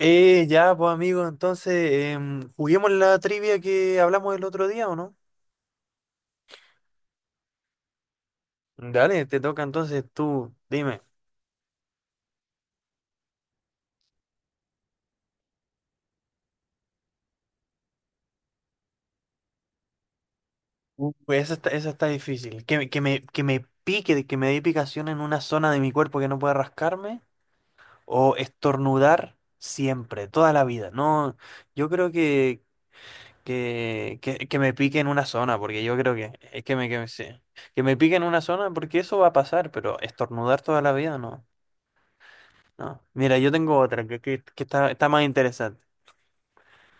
Ya, pues amigo, juguemos la trivia que hablamos el otro día, ¿o no? Dale, te toca entonces tú, dime. Pues esa está difícil. Que me pique, que me dé picación en una zona de mi cuerpo que no pueda rascarme, o estornudar siempre, toda la vida. No, yo creo que me pique en una zona, porque yo creo que es que me, sí. Que me pique en una zona, porque eso va a pasar, pero estornudar toda la vida, no. No. Mira, yo tengo otra que está, está más interesante.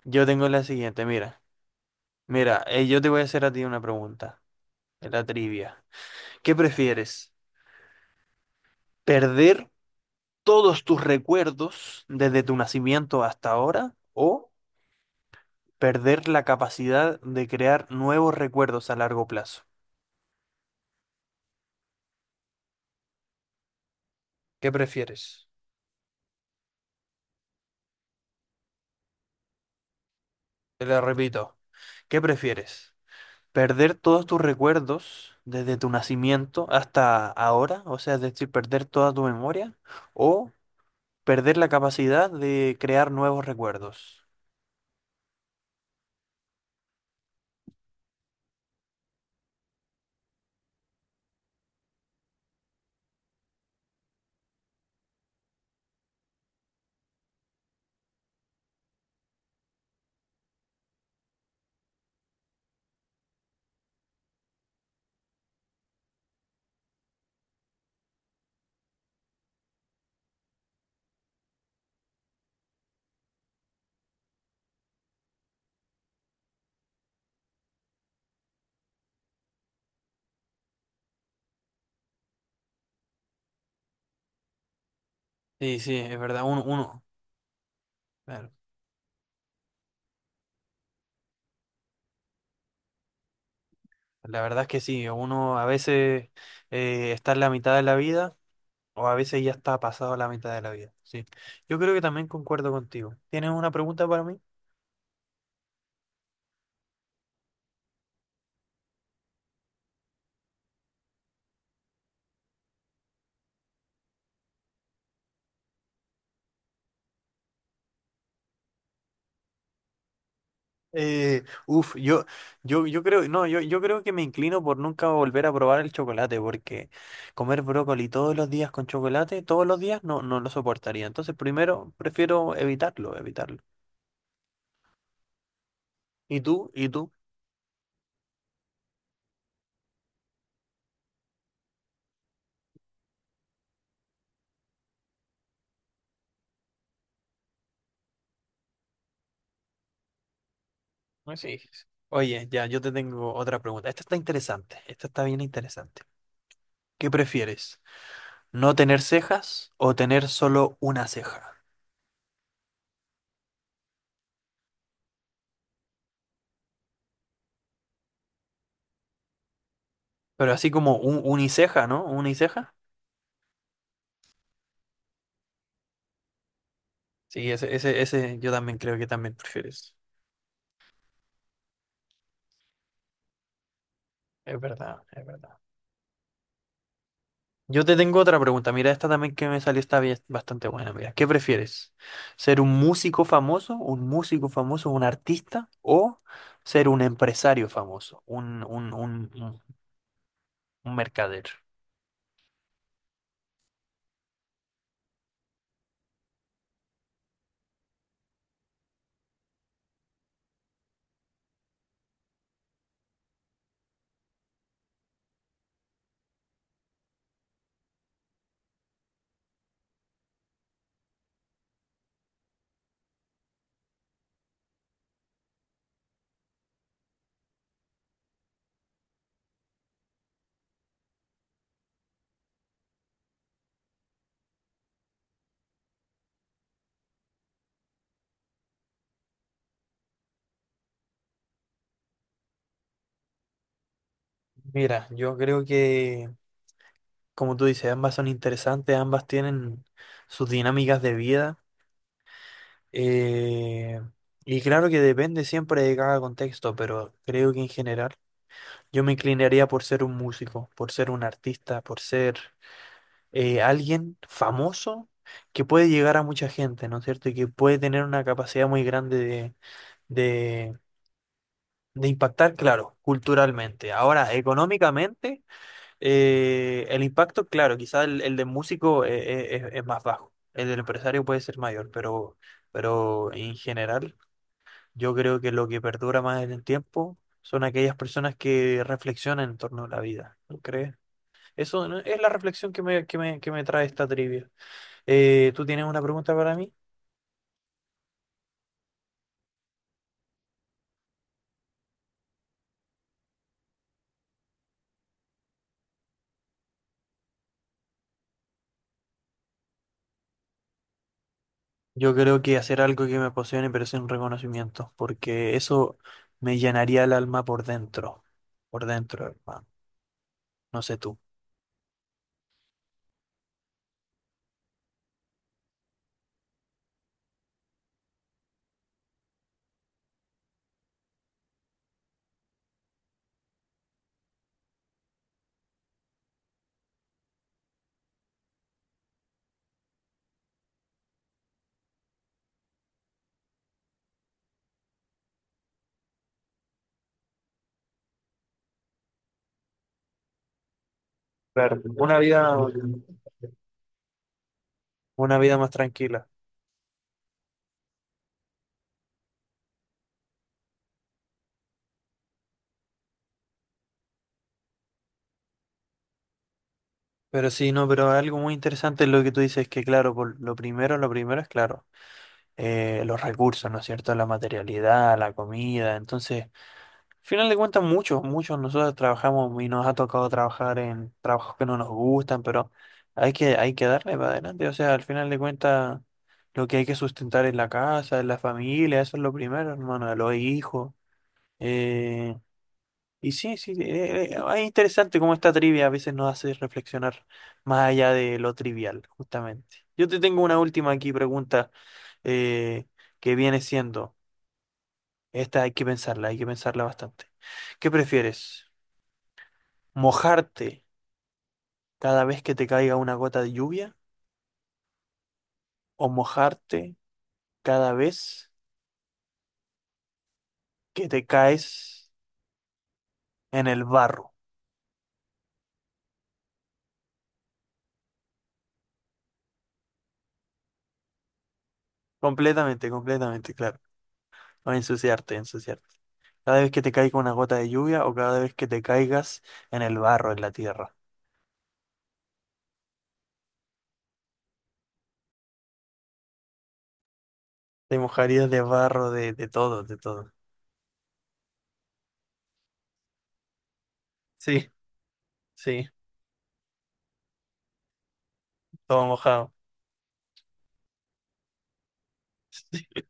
Yo tengo la siguiente, mira. Mira, yo te voy a hacer a ti una pregunta, en la trivia. ¿Qué prefieres? ¿Perder todos tus recuerdos desde tu nacimiento hasta ahora o perder la capacidad de crear nuevos recuerdos a largo plazo? ¿Qué prefieres? Te lo repito. ¿Qué prefieres? ¿Perder todos tus recuerdos desde tu nacimiento hasta ahora? O sea, es decir, perder toda tu memoria. O perder la capacidad de crear nuevos recuerdos. Sí, sí, es verdad, claro, la verdad es que sí, uno a veces está en la mitad de la vida o a veces ya está pasado la mitad de la vida, sí. Yo creo que también concuerdo contigo. ¿Tienes una pregunta para mí? Uf, yo, yo, yo creo, no, Yo creo que me inclino por nunca volver a probar el chocolate, porque comer brócoli todos los días con chocolate, todos los días no, no lo soportaría. Entonces, primero, prefiero evitarlo. ¿Y tú? ¿Y tú? Pues sí. Oye, ya, yo te tengo otra pregunta. Esta está interesante. Esta está bien interesante. ¿Qué prefieres? ¿No tener cejas o tener solo una ceja? Pero así como un uniceja, ¿no? ¿Uniceja? Sí, ese yo también creo que también prefieres. Es verdad, es verdad. Yo te tengo otra pregunta. Mira, esta también que me salió está bien- bastante buena. Mira, ¿qué prefieres? ¿Ser un músico famoso, un músico famoso, un artista o ser un empresario famoso, un mercader? Mira, yo creo que, como tú dices, ambas son interesantes, ambas tienen sus dinámicas de vida. eh, y claro que depende siempre de cada contexto, pero creo que en general yo me inclinaría por ser un músico, por ser un artista, por ser alguien famoso que puede llegar a mucha gente, ¿no es cierto? Y que puede tener una capacidad muy grande de de impactar, claro, culturalmente. Ahora, económicamente. El impacto, claro, quizá el de músico es más bajo, el del empresario puede ser mayor, pero en general yo creo que lo que perdura más en el tiempo son aquellas personas que reflexionan en torno a la vida, ¿no crees? Eso, ¿no?, es la reflexión que me trae esta trivia. ¿Tú tienes una pregunta para mí? Yo creo que hacer algo que me apasione pero sin reconocimiento, porque eso me llenaría el alma por dentro, hermano. No sé tú. Claro, una vida más tranquila. Pero sí, no, pero algo muy interesante es lo que tú dices, que claro, por lo primero es claro, los recursos, ¿no es cierto? La materialidad, la comida. Entonces, al final de cuentas, muchos, muchos nosotros trabajamos y nos ha tocado trabajar en trabajos que no nos gustan, pero hay que darle para adelante. O sea, al final de cuentas, lo que hay que sustentar es la casa, es la familia, eso es lo primero, hermano, los hijos. eh, Y sí, sí, es interesante cómo esta trivia a veces nos hace reflexionar más allá de lo trivial, justamente. Yo te tengo una última aquí pregunta eh, que viene siendo, esta hay que pensarla bastante. ¿Qué prefieres? ¿Mojarte cada vez que te caiga una gota de lluvia o mojarte cada vez que te caes en el barro? Completamente, completamente, claro. O ensuciarte, ensuciarte. Cada vez que te caiga una gota de lluvia o cada vez que te caigas en el barro, en la tierra. Te mojarías de barro, de todo, de todo. Sí, sí, todo mojado. Sí.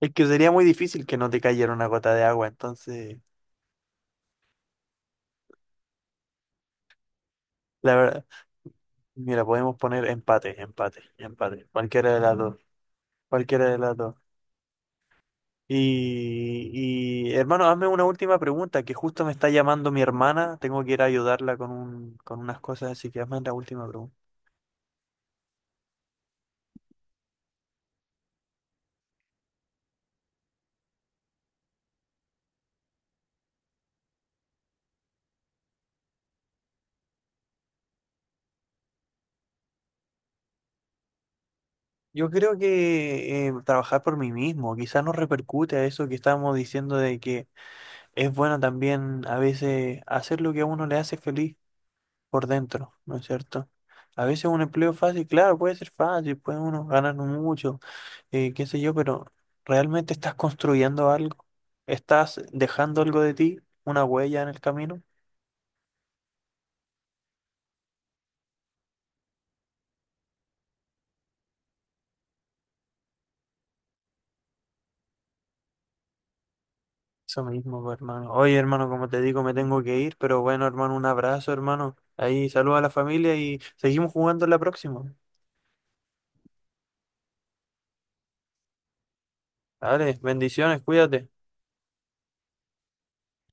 Es que sería muy difícil que no te cayera una gota de agua, entonces, la verdad, mira, podemos poner empate, empate, empate. Cualquiera de las dos, cualquiera de las dos. Y hermano, hazme una última pregunta, que justo me está llamando mi hermana, tengo que ir a ayudarla con un, con unas cosas, así que hazme la última pregunta. Yo creo que trabajar por mí mismo, quizás nos repercute a eso que estábamos diciendo de que es bueno también a veces hacer lo que a uno le hace feliz por dentro, ¿no es cierto? A veces un empleo fácil, claro, puede ser fácil, puede uno ganar mucho, qué sé yo, pero ¿realmente estás construyendo algo? ¿Estás dejando algo de ti, una huella en el camino? Eso mismo, pues, hermano. Oye, hermano, como te digo, me tengo que ir, pero bueno, hermano, un abrazo, hermano. Ahí saluda a la familia y seguimos jugando la próxima. Dale, bendiciones, cuídate.